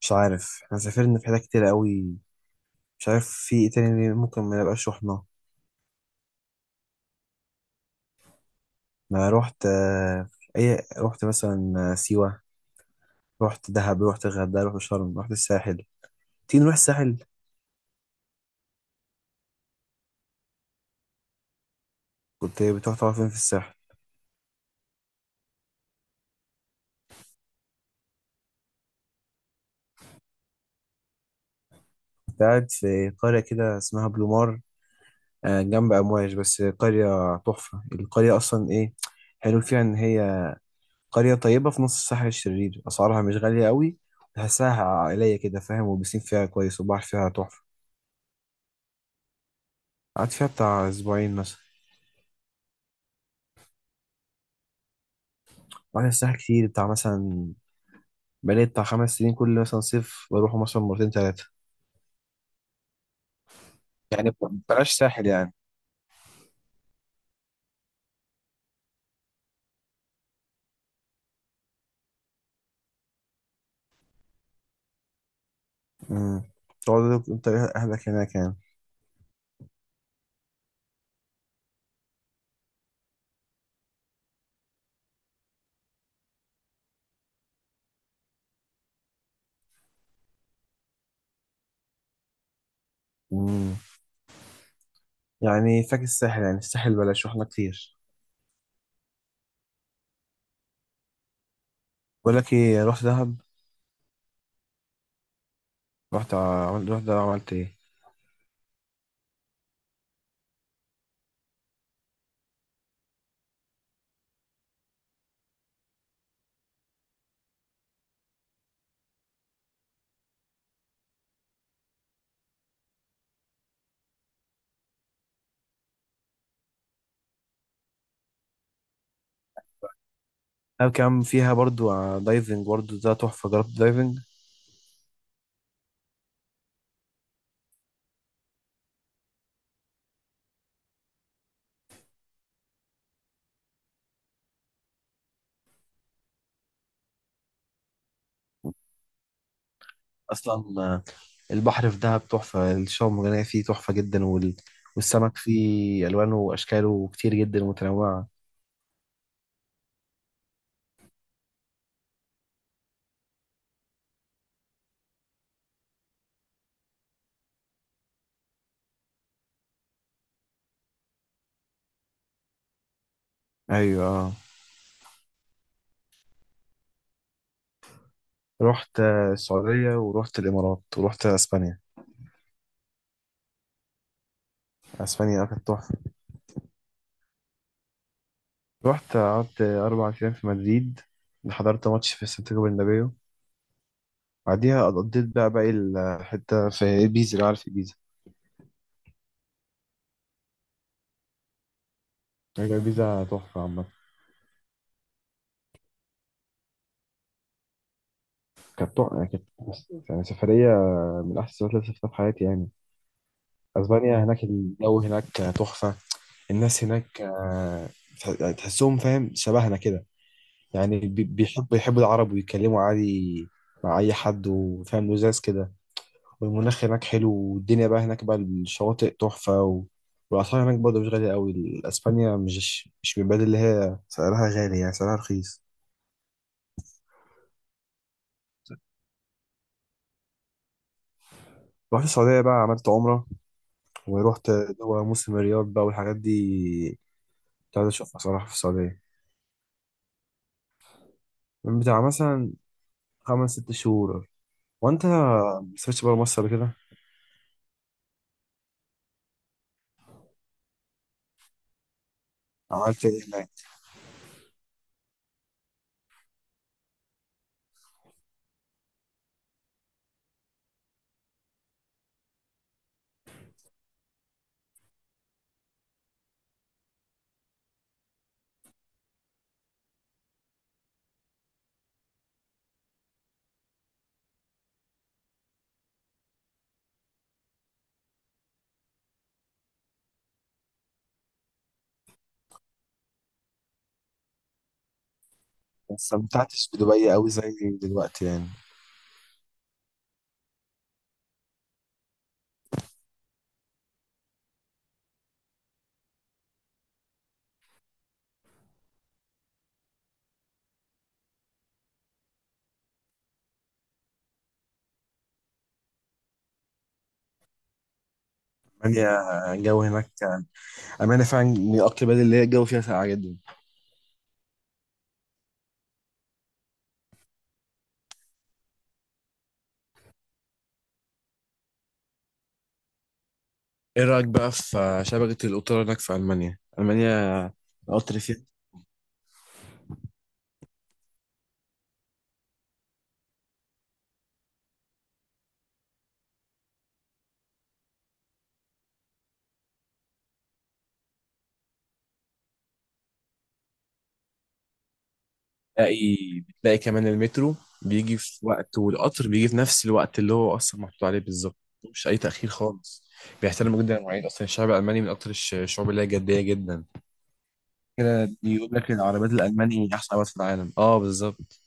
مش عارف احنا سافرنا في حتت كتير قوي. مش عارف في ايه تاني، ممكن ما نبقاش رحنا. ما رحت. ايه، رحت مثلا سيوة. رحت دهب، رحت الغردقة، رحت شرم، رحت الساحل. تيجي نروح الساحل؟ كنت بتروح تقعد فين في الساحل؟ كنت قاعد في قرية كده اسمها بلومار. جنب أمواج، بس قرية تحفة. القرية أصلا إيه حلو فيها، إن هي قرية طيبة في نص الساحل الشرير، أسعارها مش غالية قوي، تحسها عائلية كده فاهم، والبسين فيها كويس، والبحر فيها تحفة. قعدت فيها بتاع أسبوعين مثلا. وانا الساحل كتير، بتاع مثلا بقالي بتاع 5 سنين، كل مثلا صيف بروح مثلا مرتين ثلاثة. يعني بلاش ساحل يعني. امم. تقعد انت اهلك هناك يعني؟ امم. يعني فاكر الساحل، يعني الساحل بلاش، رحنا كتير. بقول لك ايه، رحت دهب. رحت ع- عملت رحت دهب، عملت ايه؟ دهب كان فيها برضو دايفنج، برضو ده تحفة. جربت دايفنج اصلا آه، البحر في دهب تحفة، الشعاب المرجانية فيه تحفة جدا، والسمك فيه الوانه واشكاله كتير جدا متنوعة. ايوه. رحت السعودية، ورحت الإمارات، ورحت أسبانيا. أسبانيا كانت تحفة. رحت قعدت 4 أيام في مدريد، حضرت ماتش في سانتياغو برنابيو، بعديها قضيت بقى باقي الحتة في إيبيزا، اللي عارف إيبيزا. هي إيبيزا تحفة عامة. كانت تحفة يعني، كانت يعني سفرية من أحسن السفرات اللي سافرتها في حياتي يعني. أسبانيا هناك، الجو هناك تحفة. الناس هناك تحسهم فاهم شبهنا كده. يعني بيحبوا العرب، ويتكلموا عادي مع أي حد، وفاهم لزاز كده. والمناخ هناك حلو، والدنيا بقى هناك بقى الشواطئ تحفة. والأسعار هناك برضه مش غالية أوي. أسبانيا مش من البلاد اللي هي سعرها غالي، يعني سعرها رخيص. رحت السعودية بقى، عملت عمرة، ورحت، دول موسم الرياض بقى والحاجات دي. كنت عايز أشوفها صراحة في السعودية، من بتاع مثلا خمس ست شهور. وأنت ما سافرتش بره مصر قبل كده؟ عملت إيه هناك؟ ما استمتعتش بدبي أوي زي دلوقتي يعني. ألمانيا الجو هناك أمانة فعلا من أكتر البلاد اللي هي الجو فيها ساقعة جدا. ايه رايك بقى في شبكه القطار هناك في المانيا؟ المانيا القطر فيها، بتلاقي بتلاقي كمان المترو بيجي في وقت، والقطر بيجي في نفس الوقت اللي هو اصلا محطوط عليه بالظبط. مش اي تاخير خالص. بيحترموا جدا المواعيد، اصلا الشعب الالماني من اكتر الشعوب اللي هي جديه جدا كده. بيقول لك العربيات الالماني احسن عربيات في العالم. اه، بالظبط.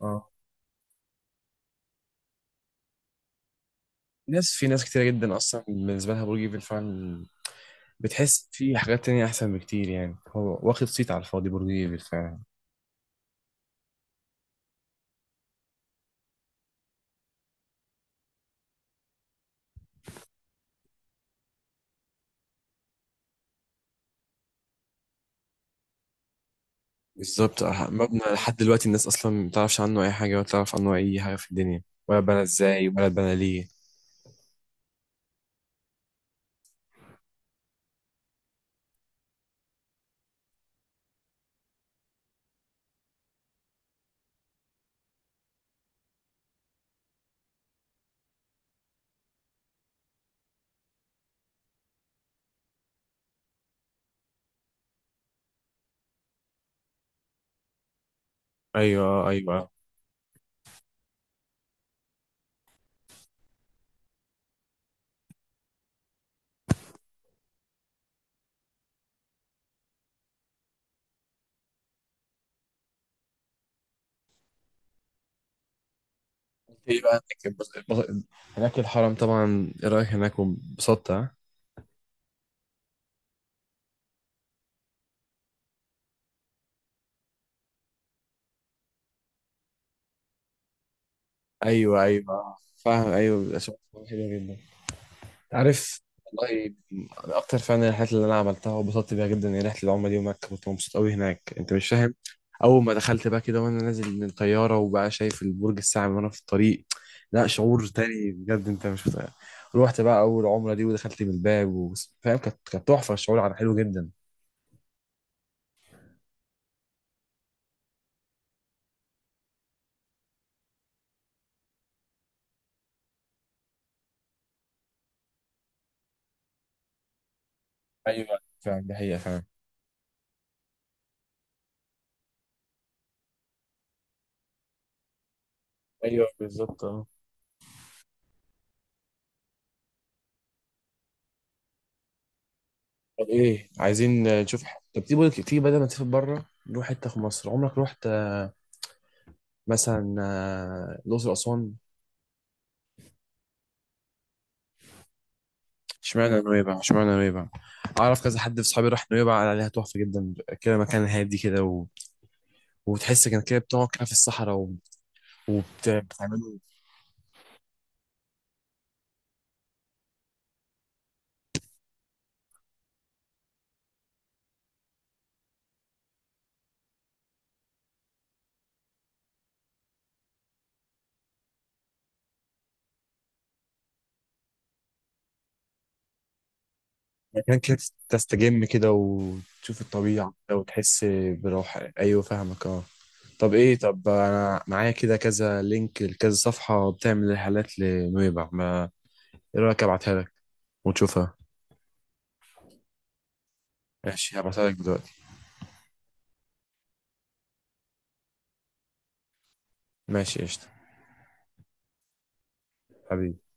اه، ناس في ناس كتيره جدا اصلا، بالنسبه لها برج ايفل فعلا. بتحس في حاجات تانية احسن بكتير، يعني هو واخد صيت على الفاضي برج ايفل فعلا. بالظبط. اه، مبنى لحد دلوقتي، الناس اصلا ما تعرفش عنه اي حاجه، ولا تعرف عنه اي حاجه في الدنيا، ولا اتبنى ازاي ولا اتبنى ليه. ايوه، ايوه. ايه بقى هناك، هناك الحرم طبعا. ايه رايك هناك، وانبسطت ها؟ ايوه ايوه آه. فاهم، ايوه، بيبقى شغل حلو جدا. عارف والله، انا اكتر فعلا من الرحلات اللي انا عملتها وانبسطت بيها جدا هي رحله العمره دي، ومكه كنت مبسوط قوي هناك، انت مش فاهم. اول ما دخلت بقى كده وانا نازل من الطياره وبقى شايف البرج الساعه وانا في الطريق، لا شعور تاني بجد انت مش متخيل. روحت بقى اول عمره دي، ودخلت من الباب فاهم، كانت تحفه، الشعور على حلو جدا. ايوه فعلا، دي حقيقه فعلا. ايوه بالظبط، اه. طب ايه، عايزين نشوف طب تيجي تيجي بدل ما تسافر بره، نروح حته في مصر. عمرك رحت، مثلا الاقصر، اسوان؟ اشمعنى نويبع، اشمعنى نويبع؟ اعرف كذا حد في صحابي راح نويبع قال عليها تحفه جدا، كده مكان هادي كده، وبتحس كان كده بتقعد كده في الصحراء، وبتعملوا مكان كده، تستجم كده وتشوف الطبيعه كده وتحس براحه. ايوه، فاهمك اه. طب ايه، طب انا معايا كده كذا لينك لكذا صفحه بتعمل رحلات لنويبع، ما ايه رايك، ابعتها لك وتشوفها. ماشي، هبعتها لك دلوقتي. ماشي قشطه. حبيبي.